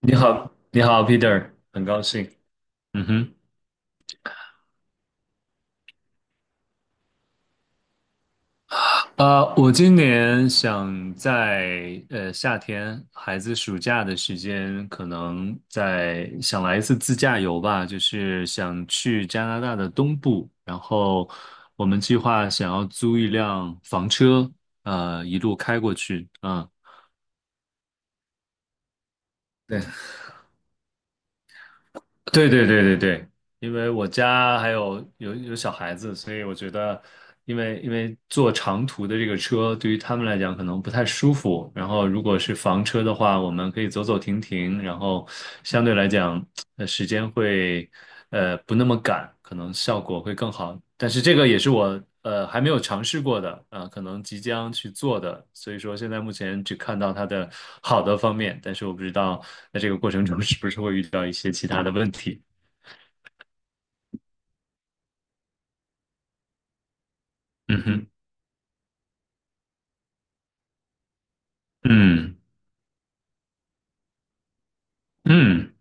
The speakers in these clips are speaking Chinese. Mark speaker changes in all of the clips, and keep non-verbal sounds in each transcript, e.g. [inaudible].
Speaker 1: 你好，你好，Peter，很高兴。嗯哼。我今年想在夏天孩子暑假的时间，可能在想来一次自驾游吧，就是想去加拿大的东部，然后我们计划想要租一辆房车，一路开过去。啊。对对对对对对。因为我家还有小孩子，所以我觉得，因为坐长途的这个车对于他们来讲可能不太舒服。然后如果是房车的话，我们可以走走停停，然后相对来讲，时间会不那么赶，可能效果会更好。但是这个也是我还没有尝试过的，可能即将去做的。所以说现在目前只看到它的好的方面，但是我不知道在这个过程中是不是会遇到一些其他的问题。嗯哼。嗯嗯，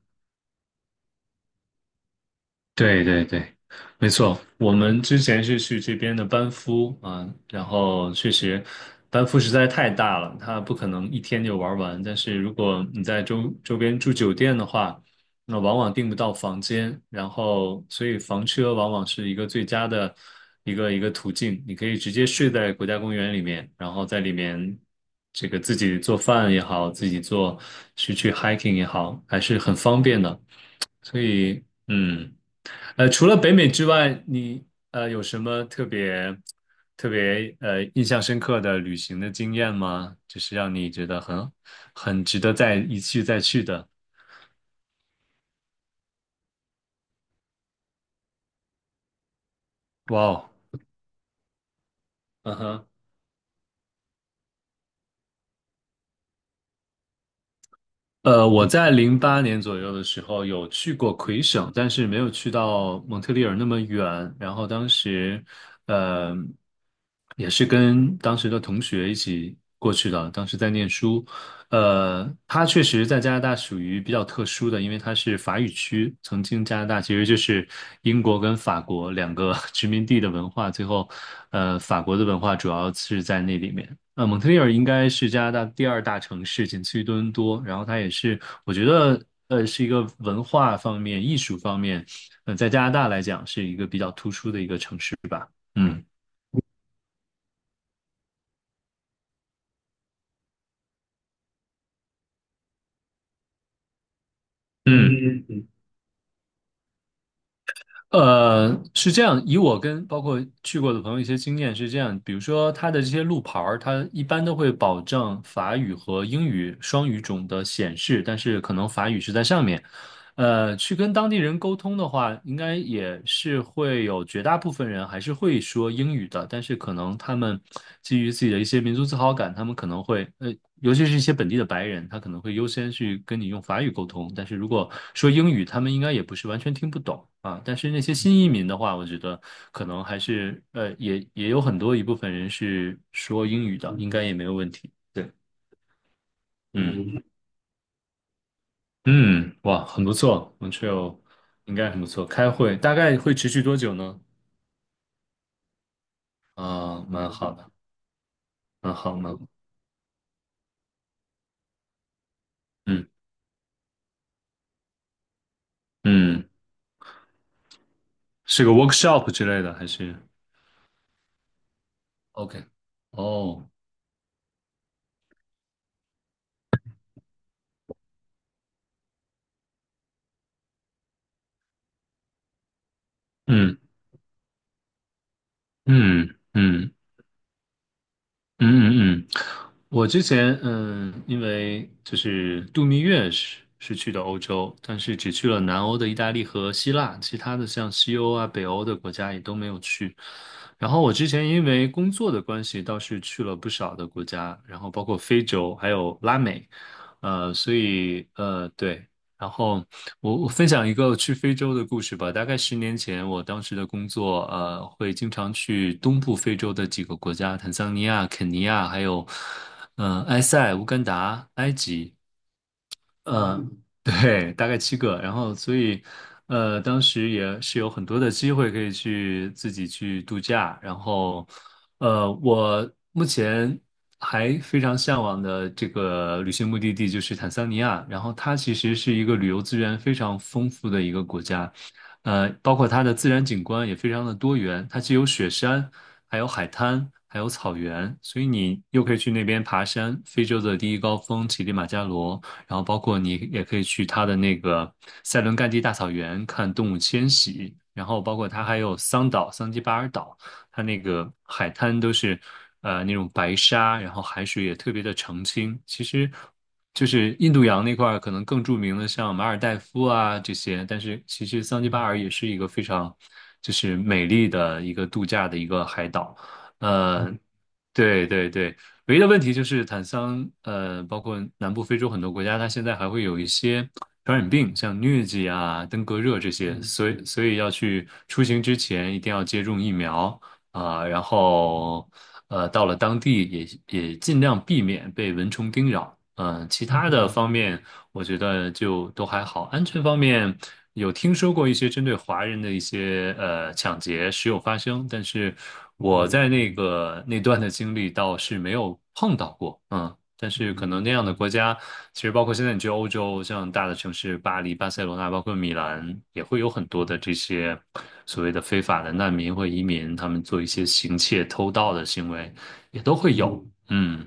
Speaker 1: 对对对，没错。我们之前是去这边的班夫啊，然后确实班夫实在太大了，它不可能一天就玩完。但是如果你在周边住酒店的话，那往往订不到房间，然后所以房车往往是一个最佳的一个途径。你可以直接睡在国家公园里面，然后在里面这个自己做饭也好，自己做去 hiking 也好，还是很方便的。所以，除了北美之外，你有什么特别印象深刻的旅行的经验吗？就是让你觉得很值得再一去再去的。哇哦。嗯哼。我在08年左右的时候有去过魁省，但是没有去到蒙特利尔那么远。然后当时，呃，也是跟当时的同学一起过去的，当时在念书。它确实在加拿大属于比较特殊的，因为它是法语区。曾经加拿大其实就是英国跟法国两个 [laughs] 殖民地的文化，最后，法国的文化主要是在那里面。蒙特利尔应该是加拿大第二大城市，仅次于多伦多。然后它也是，我觉得，是一个文化方面、艺术方面，在加拿大来讲是一个比较突出的一个城市。嗯嗯。嗯嗯是这样，以我跟包括去过的朋友一些经验是这样，比如说它的这些路牌儿，它一般都会保证法语和英语双语种的显示，但是可能法语是在上面，去跟当地人沟通的话，应该也是会有绝大部分人还是会说英语的，但是可能他们基于自己的一些民族自豪感，他们可能会，尤其是一些本地的白人，他可能会优先去跟你用法语沟通，但是如果说英语，他们应该也不是完全听不懂啊。但是那些新移民的话，我觉得可能还是，也有很多一部分人是说英语的，应该也没有问题。对。嗯。嗯，哇，很不错，Montreal 应该很不错。开会大概会持续多久呢？啊，蛮好的，蛮好，蛮好。嗯嗯，是个 workshop 之类的还是？OK。哦。嗯嗯嗯。嗯嗯嗯，我之前因为就是度蜜月是去的欧洲，但是只去了南欧的意大利和希腊，其他的像西欧啊、北欧的国家也都没有去。然后我之前因为工作的关系，倒是去了不少的国家，然后包括非洲还有拉美，所以对，然后我分享一个去非洲的故事吧。大概10年前，我当时的工作，会经常去东部非洲的几个国家，坦桑尼亚、肯尼亚，还有，埃塞、乌干达、埃及。呃，对，大概七个，然后所以，当时也是有很多的机会可以去自己去度假，然后，我目前还非常向往的这个旅行目的地就是坦桑尼亚，然后它其实是一个旅游资源非常丰富的一个国家，包括它的自然景观也非常的多元，它既有雪山，还有海滩。还有草原，所以你又可以去那边爬山，非洲的第一高峰乞力马扎罗，然后包括你也可以去它的那个塞伦盖蒂大草原看动物迁徙，然后包括它还有桑岛、桑吉巴尔岛，它那个海滩都是那种白沙，然后海水也特别的澄清。其实就是印度洋那块儿可能更著名的像马尔代夫啊这些，但是其实桑吉巴尔也是一个非常就是美丽的一个度假的一个海岛。呃，对对对，唯一的问题就是坦桑，包括南部非洲很多国家，它现在还会有一些传染病，像疟疾啊、登革热这些，所以要去出行之前一定要接种疫苗啊，然后到了当地也尽量避免被蚊虫叮咬，其他的方面我觉得就都还好。安全方面，有听说过一些针对华人的一些抢劫时有发生，但是我在那个那段的经历倒是没有碰到过。嗯，但是可能那样的国家，其实包括现在你去欧洲，像大的城市巴黎、巴塞罗那，包括米兰，也会有很多的这些所谓的非法的难民或移民，他们做一些行窃、偷盗的行为，也都会有。嗯。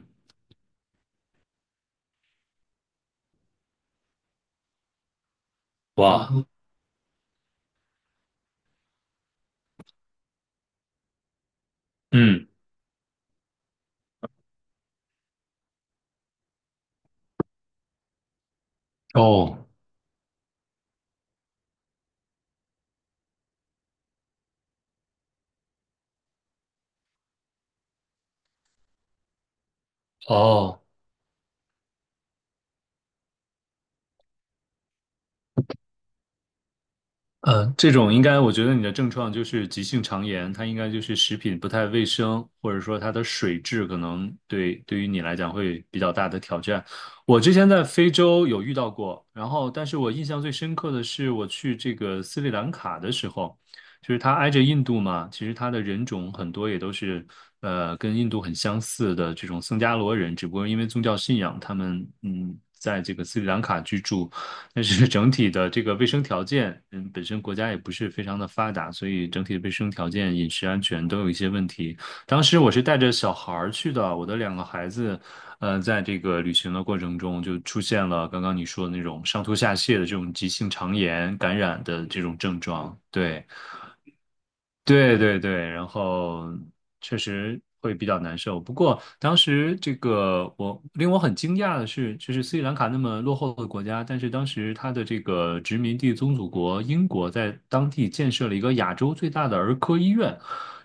Speaker 1: 哇。嗯。嗯哦。哦。这种应该，我觉得你的症状就是急性肠炎，它应该就是食品不太卫生，或者说它的水质可能对于你来讲会比较大的挑战。我之前在非洲有遇到过，然后但是我印象最深刻的是我去这个斯里兰卡的时候，就是它挨着印度嘛，其实它的人种很多也都是跟印度很相似的这种僧伽罗人，只不过因为宗教信仰，他们在这个斯里兰卡居住。但是整体的这个卫生条件，嗯，本身国家也不是非常的发达，所以整体的卫生条件、饮食安全都有一些问题。当时我是带着小孩儿去的，我的两个孩子，在这个旅行的过程中就出现了刚刚你说的那种上吐下泻的这种急性肠炎感染的这种症状。对，对对对，然后确实会比较难受。不过当时这个我令我很惊讶的是，就是斯里兰卡那么落后的国家，但是当时它的这个殖民地宗主国英国在当地建设了一个亚洲最大的儿科医院，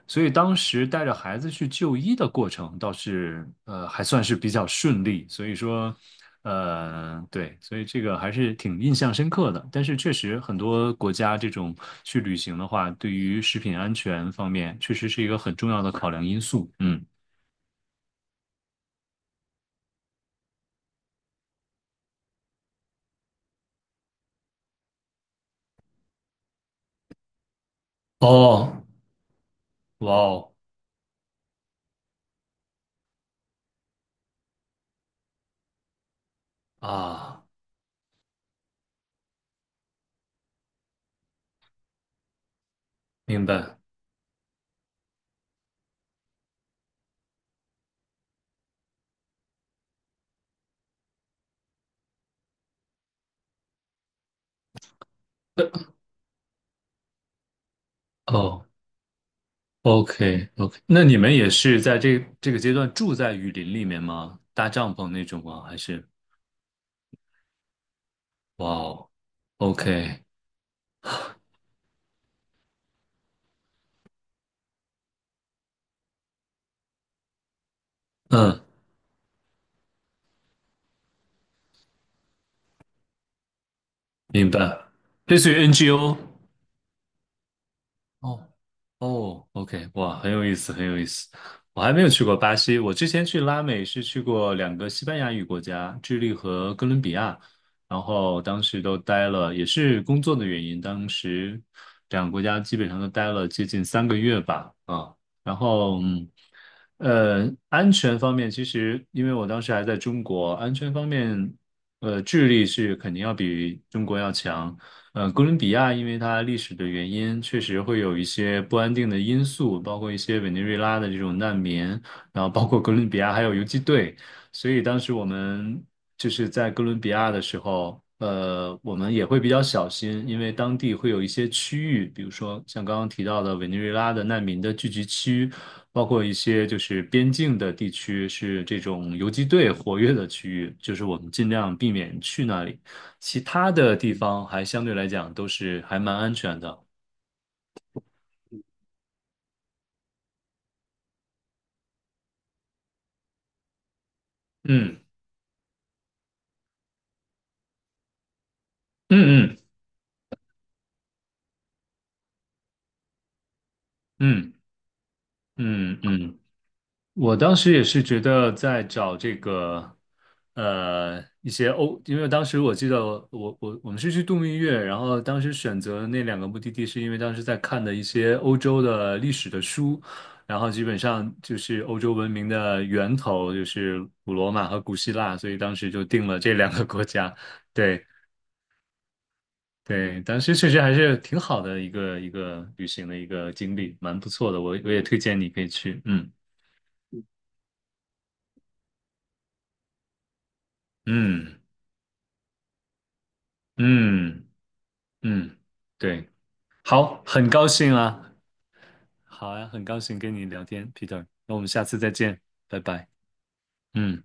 Speaker 1: 所以当时带着孩子去就医的过程倒是还算是比较顺利，所以说对，所以这个还是挺印象深刻的。但是确实很多国家这种去旅行的话，对于食品安全方面确实是一个很重要的考量因素。嗯。哦。哇哦啊，明白。哦，OK OK,那你们也是在这个阶段住在雨林里面吗？搭帐篷那种吗？还是？哇哦。OK。嗯。明白，类似于 NGO。哦哦，OK,哇，很有意思，很有意思。我还没有去过巴西，我之前去拉美是去过两个西班牙语国家，智利和哥伦比亚，然后当时都待了，也是工作的原因，当时两个国家基本上都待了接近3个月吧，啊，然后嗯。安全方面，其实因为我当时还在中国，安全方面，智利是肯定要比中国要强。哥伦比亚因为它历史的原因，确实会有一些不安定的因素，包括一些委内瑞拉的这种难民，然后包括哥伦比亚还有游击队，所以当时我们就是在哥伦比亚的时候，我们也会比较小心，因为当地会有一些区域，比如说像刚刚提到的委内瑞拉的难民的聚集区，包括一些就是边境的地区是这种游击队活跃的区域，就是我们尽量避免去那里。其他的地方还相对来讲都是还蛮安全的。嗯嗯嗯嗯嗯嗯，我当时也是觉得在找这个呃一些欧，因为当时我记得我们是去度蜜月，然后当时选择那两个目的地是因为当时在看的一些欧洲的历史的书，然后基本上就是欧洲文明的源头就是古罗马和古希腊，所以当时就定了这两个国家。对，对，但是确实还是挺好的一个旅行的一个经历，蛮不错的。我也推荐你可以去。嗯嗯嗯嗯，对，好，很高兴啊，好呀，很高兴跟你聊天，Peter。那我们下次再见，拜拜。嗯。